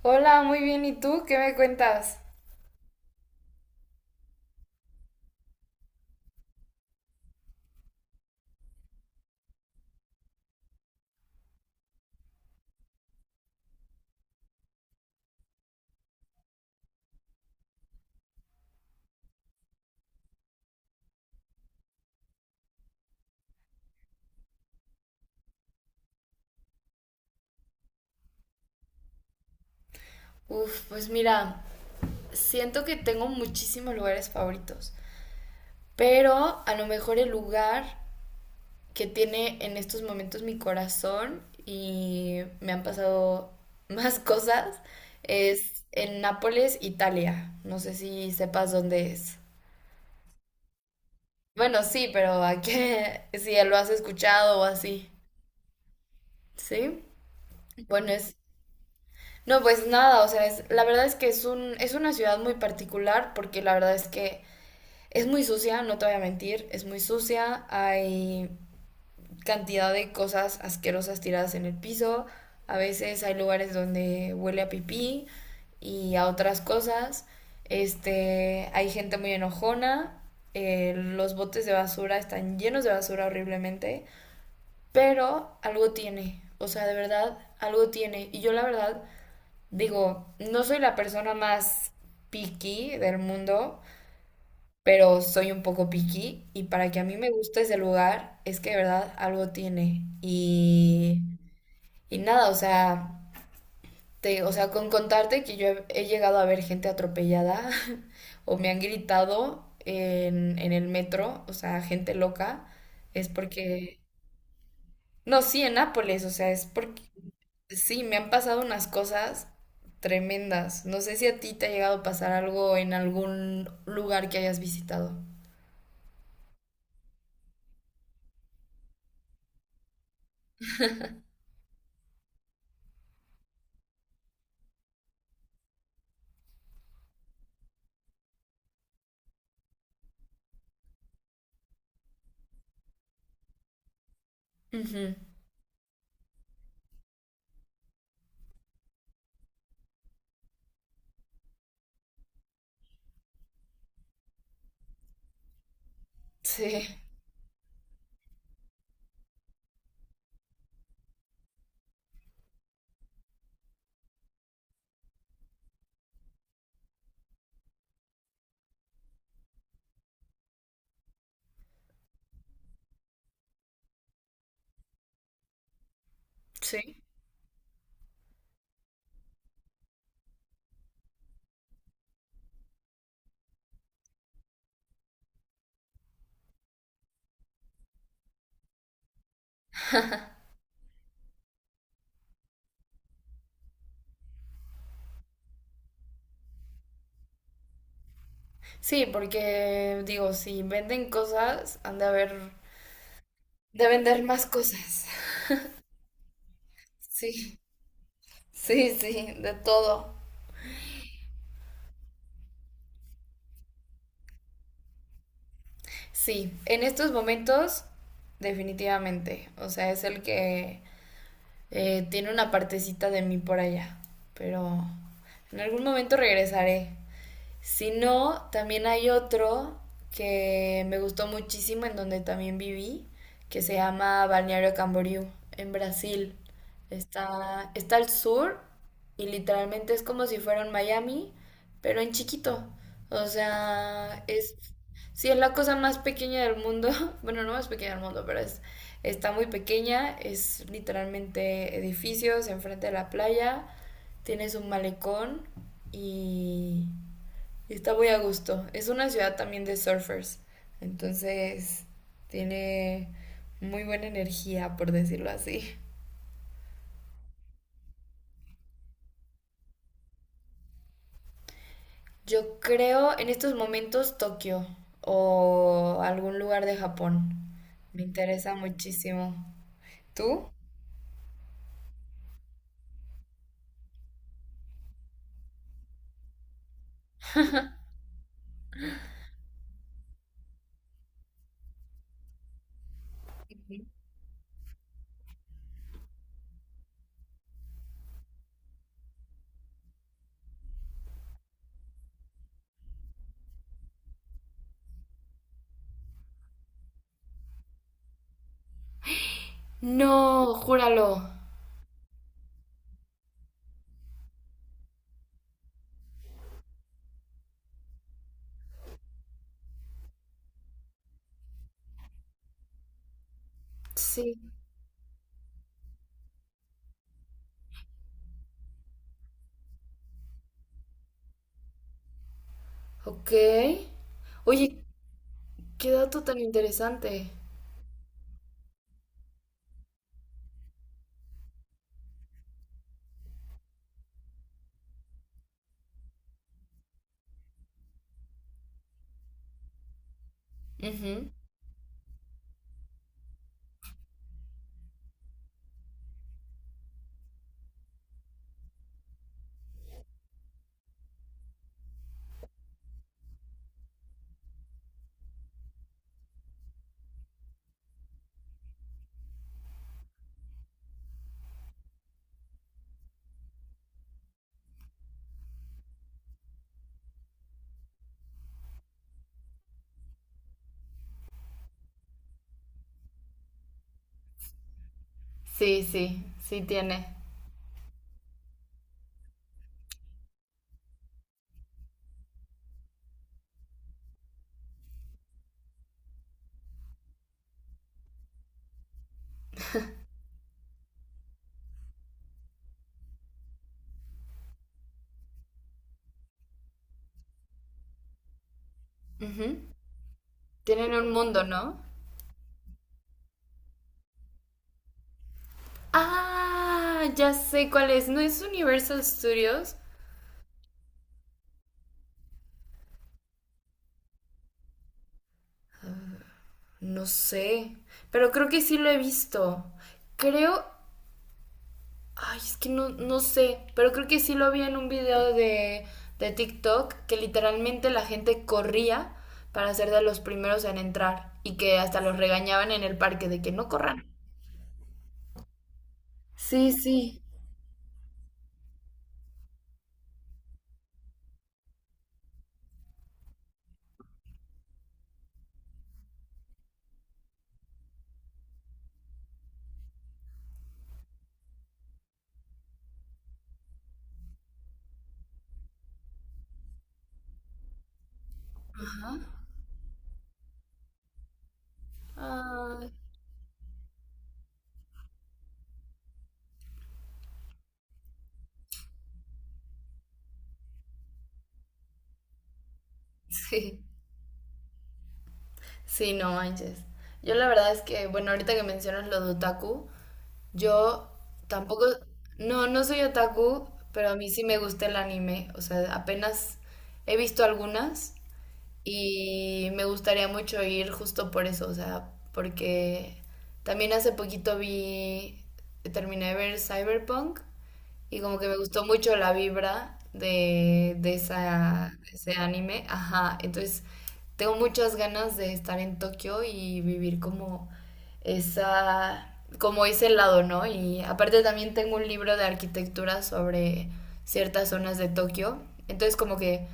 Hola, muy bien. ¿Y tú qué me cuentas? Uf, pues mira, siento que tengo muchísimos lugares favoritos, pero a lo mejor el lugar que tiene en estos momentos mi corazón y me han pasado más cosas es en Nápoles, Italia. No sé si sepas dónde es. Bueno, sí, pero a qué, si lo has escuchado o así. ¿Sí? Bueno, es No, pues nada, o sea, la verdad es que es una ciudad muy particular porque la verdad es que es muy sucia, no te voy a mentir, es muy sucia, hay cantidad de cosas asquerosas tiradas en el piso, a veces hay lugares donde huele a pipí y a otras cosas, hay gente muy enojona, los botes de basura están llenos de basura horriblemente, pero algo tiene, o sea, de verdad, algo tiene. Y yo la verdad Digo, no soy la persona más picky del mundo, pero soy un poco picky y para que a mí me guste ese lugar es que de verdad algo tiene. Y nada, o sea, o sea, con contarte que he llegado a ver gente atropellada o me han gritado en el metro, o sea, gente loca, es porque... No, sí, en Nápoles, o sea, es porque sí, me han pasado unas cosas tremendas. No sé si a ti te ha llegado a pasar algo en algún lugar que hayas visitado. Ujú. Sí, sí. Sí, porque digo, si venden cosas, han de haber, de vender más cosas. Sí, sí, sí, de todo. Sí, en estos momentos, definitivamente. O sea, es el que tiene una partecita de mí por allá. Pero en algún momento regresaré. Si no, también hay otro que me gustó muchísimo, en donde también viví, que se llama Balneario Camboriú, en Brasil. Está al sur y literalmente es como si fuera un Miami, pero en chiquito. O sea, es, sí, es la cosa más pequeña del mundo. Bueno, no más pequeña del mundo, está muy pequeña. Es literalmente edificios enfrente de la playa. Tienes un malecón y y está muy a gusto. Es una ciudad también de surfers. Entonces, tiene muy buena energía, por decirlo así. Yo creo en estos momentos Tokio o algún lugar de Japón. Me interesa muchísimo. ¿Tú? No, júralo. Sí. Ok. Oye, qué dato tan interesante. Ujú. Sí, sí, sí tiene. Ujú. Tienen un mundo, ¿no? Ah, ya sé cuál es. ¿No es Universal Studios? No sé, pero creo que sí lo he visto. Creo... Ay, es que no, no sé, pero creo que sí lo vi en un video de TikTok que literalmente la gente corría para ser de los primeros en entrar y que hasta los regañaban en el parque de que no corran. Sí, sí. Ah, sí, sí, no manches. Yo la verdad es que, bueno, ahorita que mencionas lo de otaku, yo tampoco, no, no soy otaku, pero a mí sí me gusta el anime. O sea, apenas he visto algunas y me gustaría mucho ir justo por eso. O sea, porque también hace poquito terminé de ver Cyberpunk y como que me gustó mucho la vibra de esa, ese anime. Ajá, entonces tengo muchas ganas de estar en Tokio y vivir como esa, como ese lado, ¿no? Y aparte también tengo un libro de arquitectura sobre ciertas zonas de Tokio. Entonces como que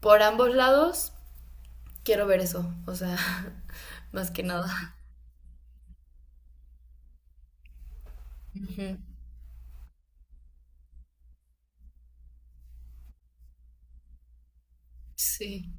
por ambos lados quiero ver eso, o sea, más que nada. Ujú. Sí,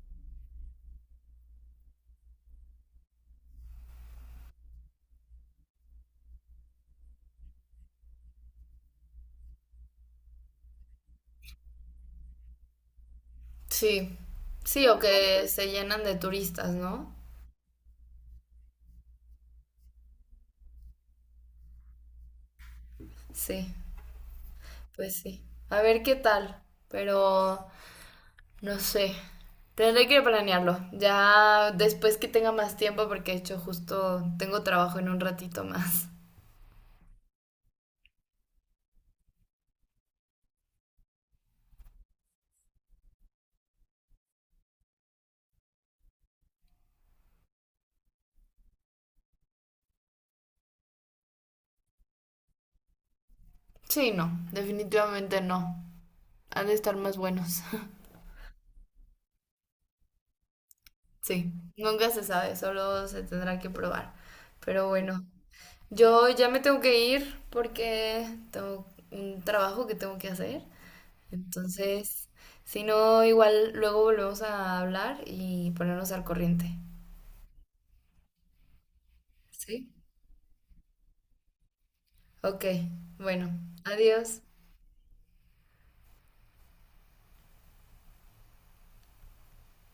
sí, sí, o que se llenan de turistas, ¿no? Sí. Pues sí. A ver qué tal. Pero no sé. Tendré que planearlo. Ya después que tenga más tiempo, porque de hecho justo tengo trabajo en un ratito más. Sí, no. Definitivamente no. Han de estar más buenos. Sí. Nunca se sabe. Solo se tendrá que probar. Pero bueno. Yo ya me tengo que ir porque tengo un trabajo que tengo que hacer. Entonces, si no, igual luego volvemos a hablar y ponernos al corriente. Sí. Ok, bueno, adiós.